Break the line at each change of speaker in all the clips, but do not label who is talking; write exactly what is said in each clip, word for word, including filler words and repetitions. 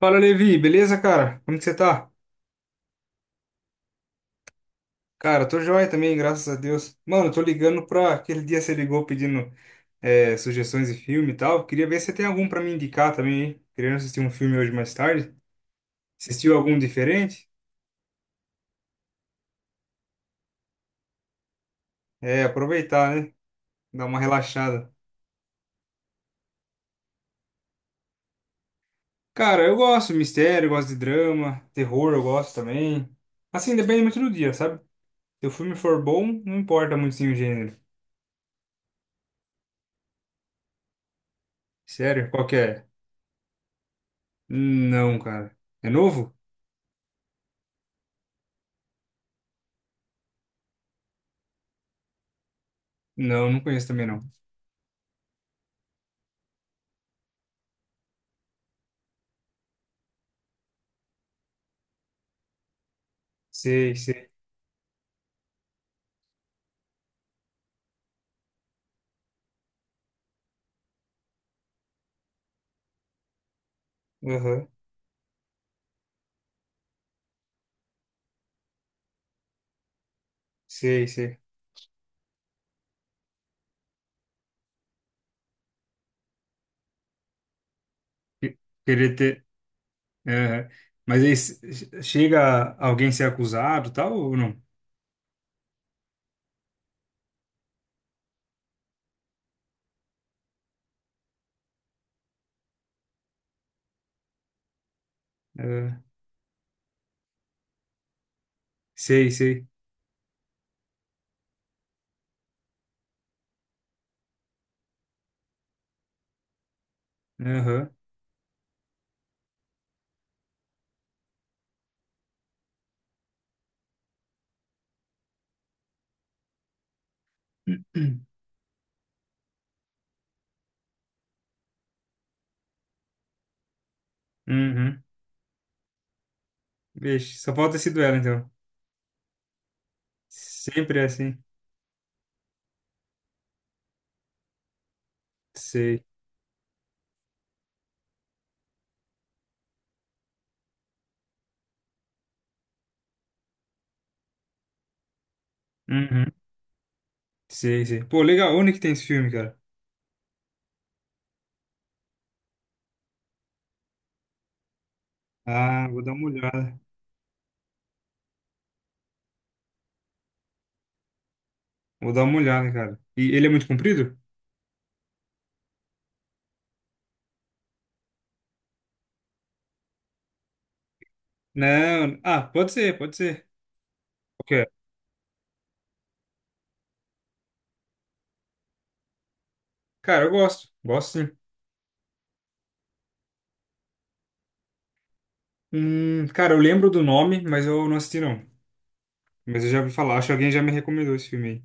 Fala, Levi, beleza, cara? Como que você tá? Cara, tô joia também, graças a Deus. Mano, eu tô ligando pra aquele dia você ligou pedindo é, sugestões de filme e tal. Queria ver se você tem algum pra me indicar também, hein? Querendo assistir um filme hoje mais tarde. Assistiu algum diferente? É, aproveitar, né? Dar uma relaxada. Cara, eu gosto de mistério, eu gosto de drama, terror eu gosto também. Assim, depende muito do dia, sabe? Se o filme for bom, não importa muito sim o gênero. Sério? Qual que é? Não, cara. É novo? Não, não conheço também não. Sei, sei. Aham. Sei, sei. Que- Queria ter. Aham. Mas aí se- chega alguém ser acusado, e tal, ou não? Ah, sei, sei. Aham. Uhum. Vixe, só falta esse duelo, então. Sempre é assim. Sei. Uhum. Sei, sei. Pô, legal. Onde que tem esse filme, cara? Ah, vou dar uma olhada. Vou dar uma olhada, cara. E ele é muito comprido? Não. Ah, pode ser, pode ser. O quê? Cara, eu gosto. Gosto sim. Hum, cara, eu lembro do nome, mas eu não assisti não. Mas eu já ouvi falar, acho que alguém já me recomendou esse filme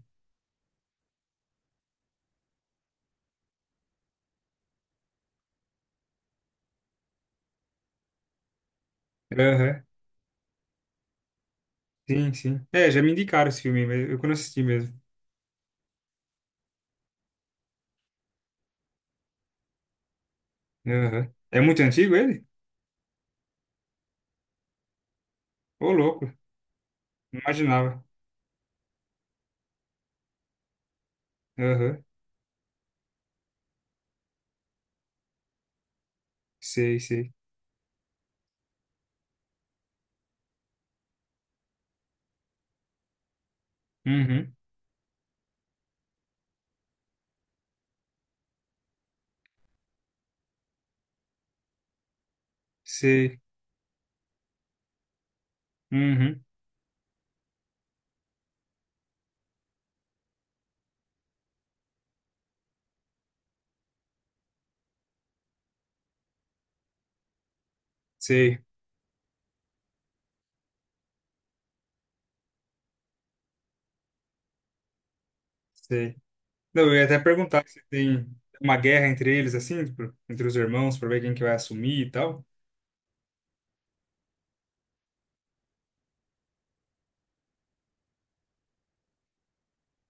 aí. Aham. Sim, sim. É, já me indicaram esse filme, mas eu que não assisti mesmo. Aham. É muito antigo ele? Ô, louco. Não imaginava. Aham. Sei, sei. Uhum. Sei. Uhum. Sei, sei. Não, eu ia até perguntar se tem uma guerra entre eles, assim, tipo, entre os irmãos, pra ver quem que vai assumir e tal.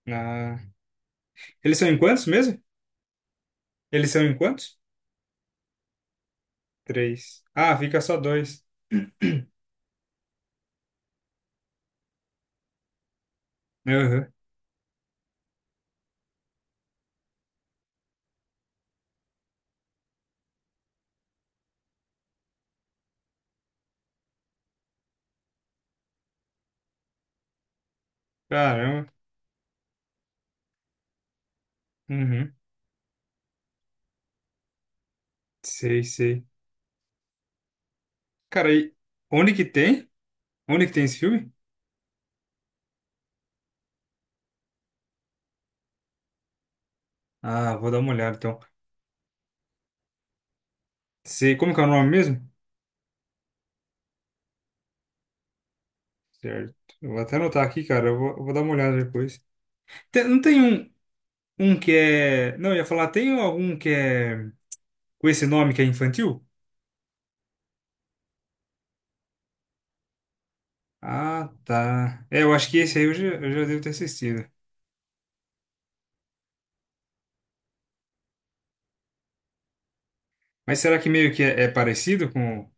Ah. Eles são em quantos mesmo? Eles são em quantos? Três. Ah, fica só dois. Aham. Caramba. Uhum. Sei, sei. Cara, e onde que tem? Onde que tem esse filme? Ah, vou dar uma olhada então. Sei, como que é o nome mesmo? Certo. Eu vou até anotar aqui, cara. Eu vou, eu vou dar uma olhada depois. Tem- não tem um, um que é. Não, eu ia falar, tem algum que é. Com esse nome que é infantil? Ah, tá. É, eu acho que esse aí eu já, eu já devo ter assistido. Mas será que meio que é, é parecido com,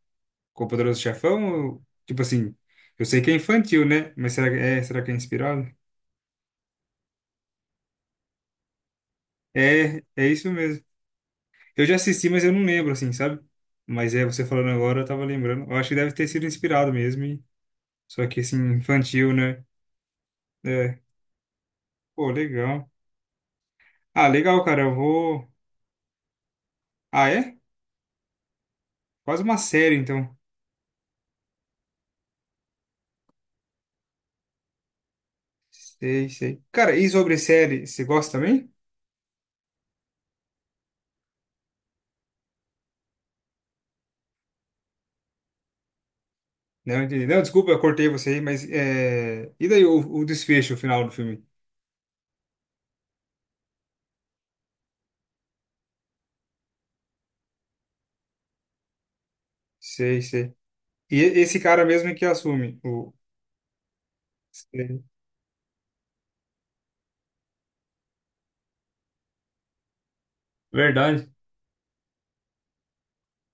com o Poderoso Chefão? Ou, tipo assim, eu sei que é infantil, né? Mas será que é, será que é inspirado? É, é isso mesmo. Eu já assisti, mas eu não lembro, assim, sabe? Mas é, você falando agora, eu tava lembrando. Eu acho que deve ter sido inspirado mesmo. e- Só que, assim, infantil, né? É. Pô, legal. Ah, legal, cara. Eu vou. Ah, é? Quase uma série, então. Sei, sei. Cara, e sobre série, você gosta também? Não entendi. Não, desculpa, eu cortei você aí, mas é... e daí o, o desfecho, o final do filme? Sei, sei. E e- esse cara mesmo é que assume o. Sei. Verdade.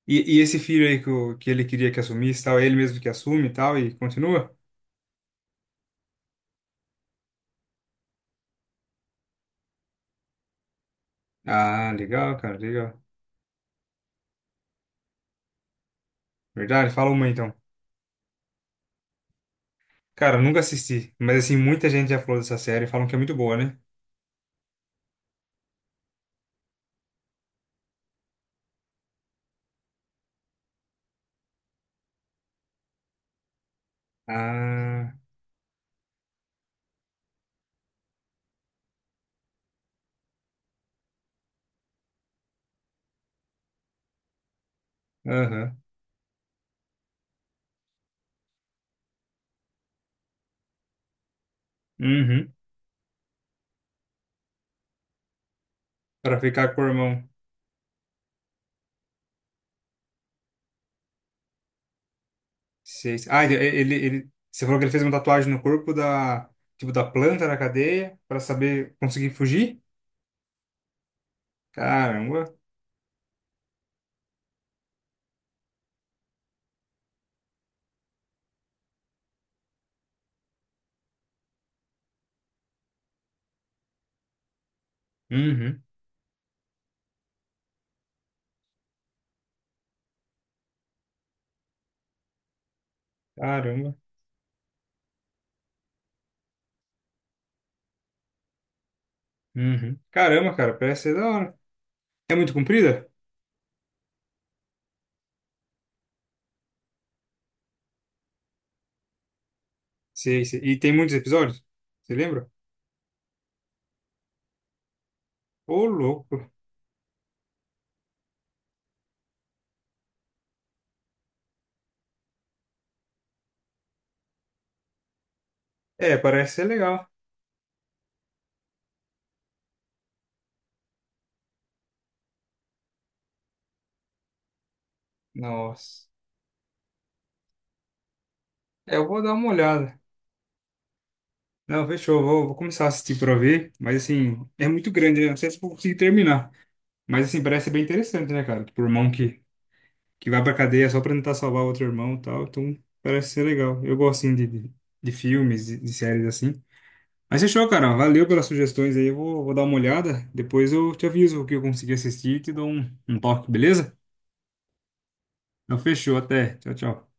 E, e esse filho aí que, o, que ele queria que assumisse, e tal, é ele mesmo que assume e tal, e continua? Ah, legal, cara, legal. Verdade, fala uma então. Cara, eu nunca assisti, mas assim, muita gente já falou dessa série, falam que é muito boa, né? Ah, aham. Uhum. Pra ficar com o irmão. Sei, sei. Ah, ele, ele, ele- você falou que ele fez uma tatuagem no corpo da, tipo, da planta na cadeia para saber conseguir fugir? Caramba. Uhum. Caramba. Uhum. Caramba, cara, parece ser da hora. É muito comprida? Sei, sei. E tem muitos episódios? Você lembra? Ô, louco. É, parece ser legal. Nossa. É, eu vou dar uma olhada. Não, fechou. Vou, vou começar a assistir pra ver. Mas, assim, é muito grande, né? Não sei se eu vou conseguir terminar. Mas, assim, parece ser bem interessante, né, cara? Por mão que que vai pra cadeia só pra tentar salvar outro irmão e tal. Então, parece ser legal. Eu gosto, assim, de, de, de filmes, de, de séries assim. Mas fechou, cara. Valeu pelas sugestões aí. Eu vou, vou dar uma olhada. Depois eu te aviso o que eu consegui assistir e te dou um, um toque, beleza? Então, fechou. Até. Tchau, tchau.